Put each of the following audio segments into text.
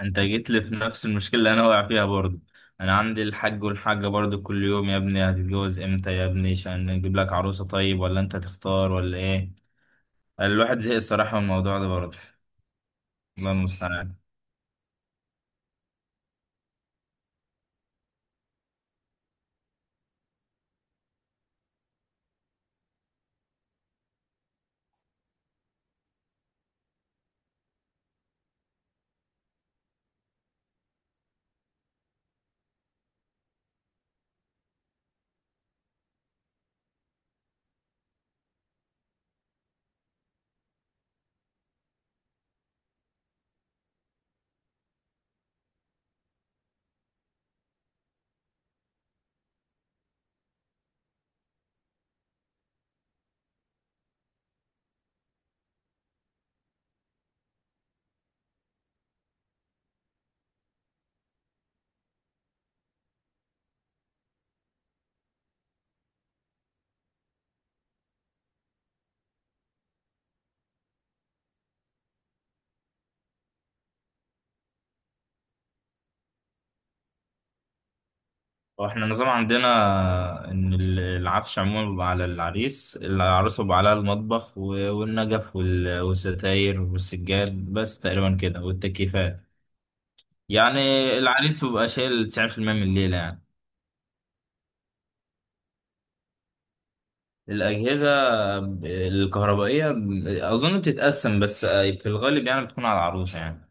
انت جيت لي في نفس المشكله اللي انا واقع فيها برضه. انا عندي الحاج والحاجه برضه كل يوم، يا ابني هتتجوز امتى، يا ابني عشان نجيب لك عروسه، طيب ولا انت تختار ولا ايه؟ الواحد زهق الصراحه من الموضوع ده برضه. الله المستعان. واحنا النظام عندنا ان العفش عموما بيبقى على العريس، العروسه بيبقى عليها المطبخ والنجف والستاير والسجاد بس تقريبا كده والتكييفات يعني. العريس بيبقى شايل 90% من الليله يعني. الأجهزة الكهربائية أظن بتتقسم بس في الغالب يعني بتكون على العروسة يعني.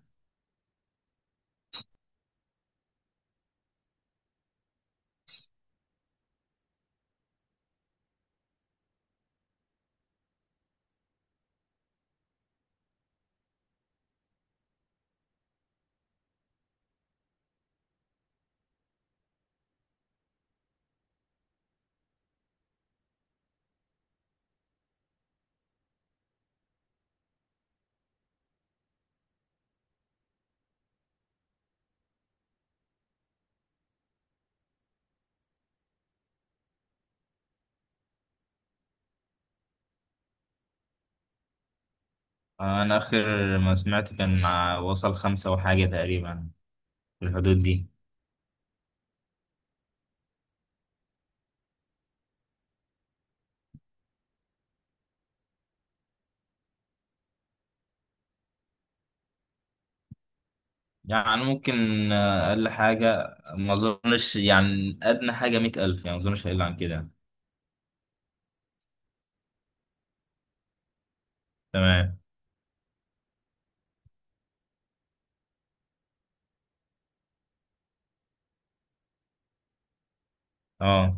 أنا آخر ما سمعت كان مع وصل خمسة وحاجة تقريبا، في الحدود دي. يعني ممكن أقل حاجة، ما أظنش يعني أدنى حاجة مية ألف، يعني ما أظنش هيقل عن كده. تمام. أه.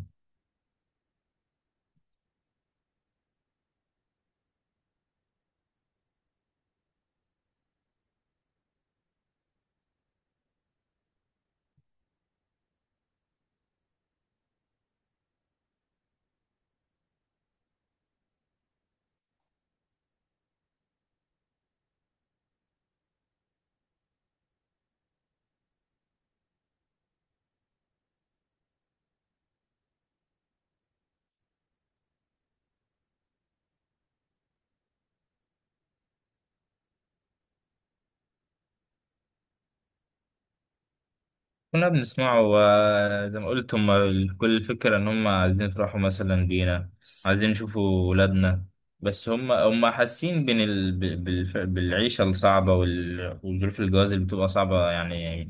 كنا بنسمعه وزي ما قلت هم كل الفكرة إن هم عايزين يفرحوا مثلا بينا، عايزين يشوفوا ولادنا. بس هم حاسين بين ال... ب- بالف- بالعيشة الصعبة وظروف الجواز اللي بتبقى صعبة يعني.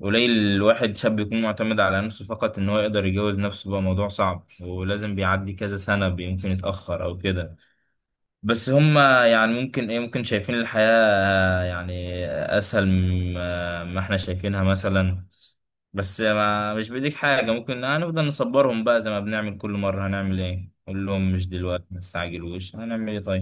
قليل الواحد شاب يكون معتمد على نفسه فقط، إن هو يقدر يجوز نفسه بقى موضوع صعب، ولازم بيعدي كذا سنة، يمكن يتأخر أو كده. بس هم يعني ممكن ايه ممكن شايفين الحياة يعني اسهل مما ما احنا شايفينها مثلا. بس ما مش بايديك حاجة، ممكن هنفضل نصبرهم بقى زي ما بنعمل كل مرة. هنعمل ايه، قول لهم مش دلوقتي ما تستعجلوش، هنعمل ايه طيب.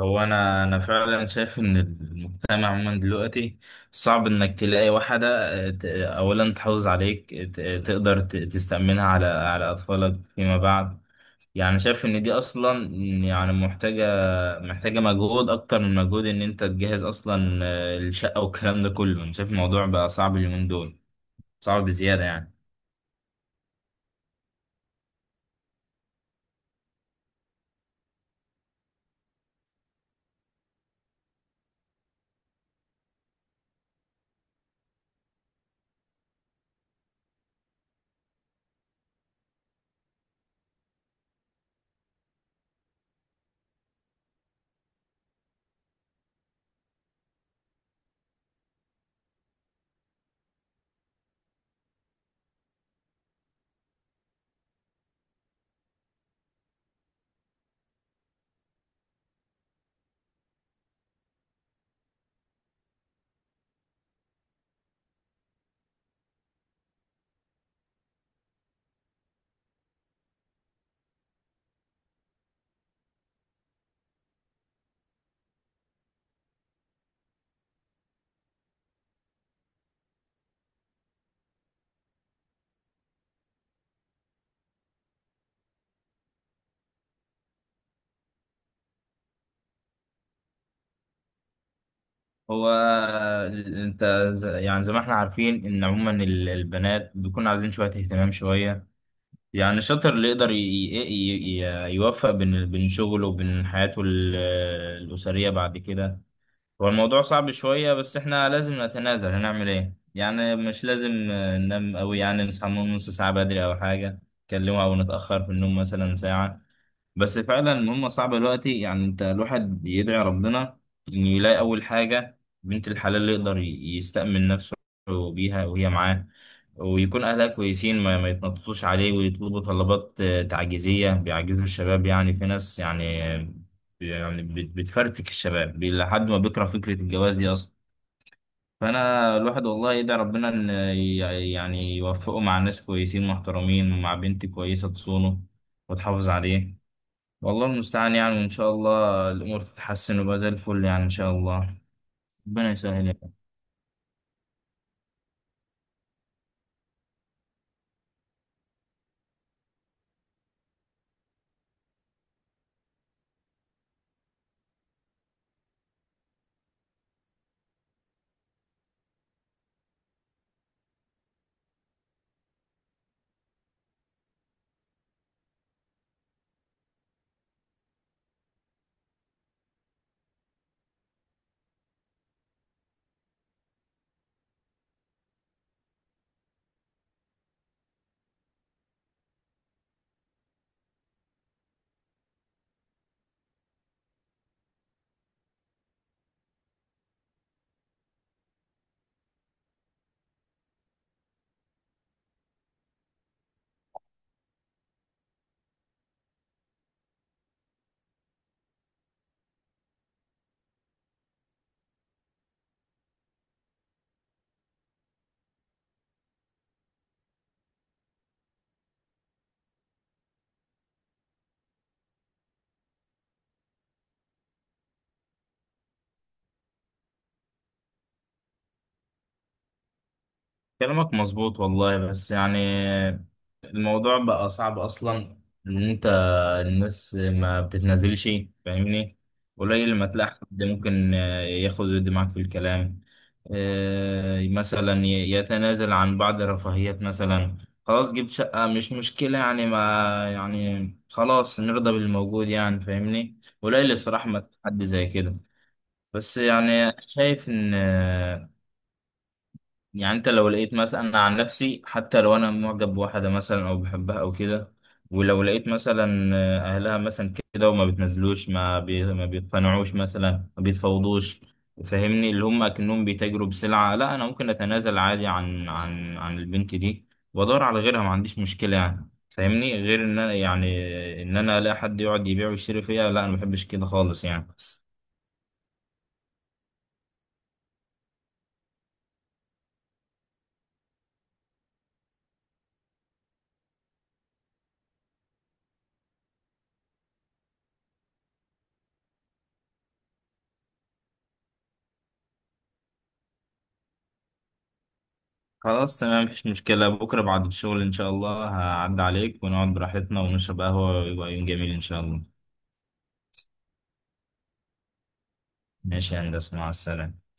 هو انا فعلا شايف ان المجتمع عموما دلوقتي صعب انك تلاقي واحدة، اولا تحافظ عليك، تقدر تستأمنها على اطفالك فيما بعد. يعني شايف ان دي اصلا يعني محتاجة، مجهود أكتر من مجهود إن أنت تجهز أصلا الشقة والكلام ده كله. أنا شايف الموضوع بقى صعب اليومين دول، صعب بزيادة يعني. هو أنت يعني زي ما إحنا عارفين إن عموما البنات بيكون عايزين شوية اهتمام شوية. يعني الشاطر اللي يقدر يوفق بين شغله وبين حياته الأسرية بعد كده. هو الموضوع صعب شوية، بس احنا لازم نتنازل، هنعمل ايه يعني. مش لازم ننام قوي يعني، نصحى من نص ساعة بدري او حاجة نكلمه، او نتأخر في النوم مثلا ساعة. بس فعلا المهمة صعبة دلوقتي يعني، انت الواحد بيدعي ربنا انه يلاقي اول حاجة بنت الحلال اللي يقدر يستأمن نفسه بيها وهي معاه، ويكون اهلها كويسين ما يتنططوش عليه ويطلبوا طلبات تعجيزية بيعجزوا الشباب. يعني في ناس يعني يعني بتفرتك الشباب لحد ما بيكره فكرة الجواز دي اصلا. فانا الواحد والله يدعي ربنا ان يوفقه مع ناس كويسين محترمين، ومع بنت كويسة تصونه وتحافظ عليه. والله المستعان يعني، وإن شاء الله الأمور تتحسن ويبقى زي الفل يعني، إن شاء الله ربنا يسهل يعني. كلامك مظبوط والله، بس يعني الموضوع بقى صعب أصلا، إن أنت الناس ما بتتنازلش. فاهمني؟ قليل لما تلاقي حد ممكن ياخد ويدي معاك في الكلام، مثلا يتنازل عن بعض الرفاهيات مثلا. خلاص جبت شقة مش مشكلة يعني، ما يعني خلاص نرضى بالموجود يعني. فاهمني؟ قليل الصراحة ما تلاقي حد زي كده. بس يعني شايف ان يعني انت لو لقيت مثلا، انا عن نفسي حتى لو انا معجب بواحده مثلا او بحبها او كده، ولو لقيت مثلا اهلها مثلا كده وما بتنزلوش، ما بيقتنعوش مثلا، ما بيتفاوضوش، فاهمني؟ اللي هم اكنهم بيتاجروا بسلعه، لا انا ممكن اتنازل عادي عن البنت دي وادور على غيرها، ما عنديش مشكله يعني. فاهمني؟ غير ان انا يعني ان انا الاقي حد يقعد يبيع ويشتري فيها، لا انا ما بحبش كده خالص يعني. خلاص تمام مفيش مشكلة، بكرة بعد الشغل إن شاء الله هعدي عليك ونقعد براحتنا ونشرب قهوة ويبقى يوم جميل إن شاء الله. ماشي يا هندسة، مع السلامة.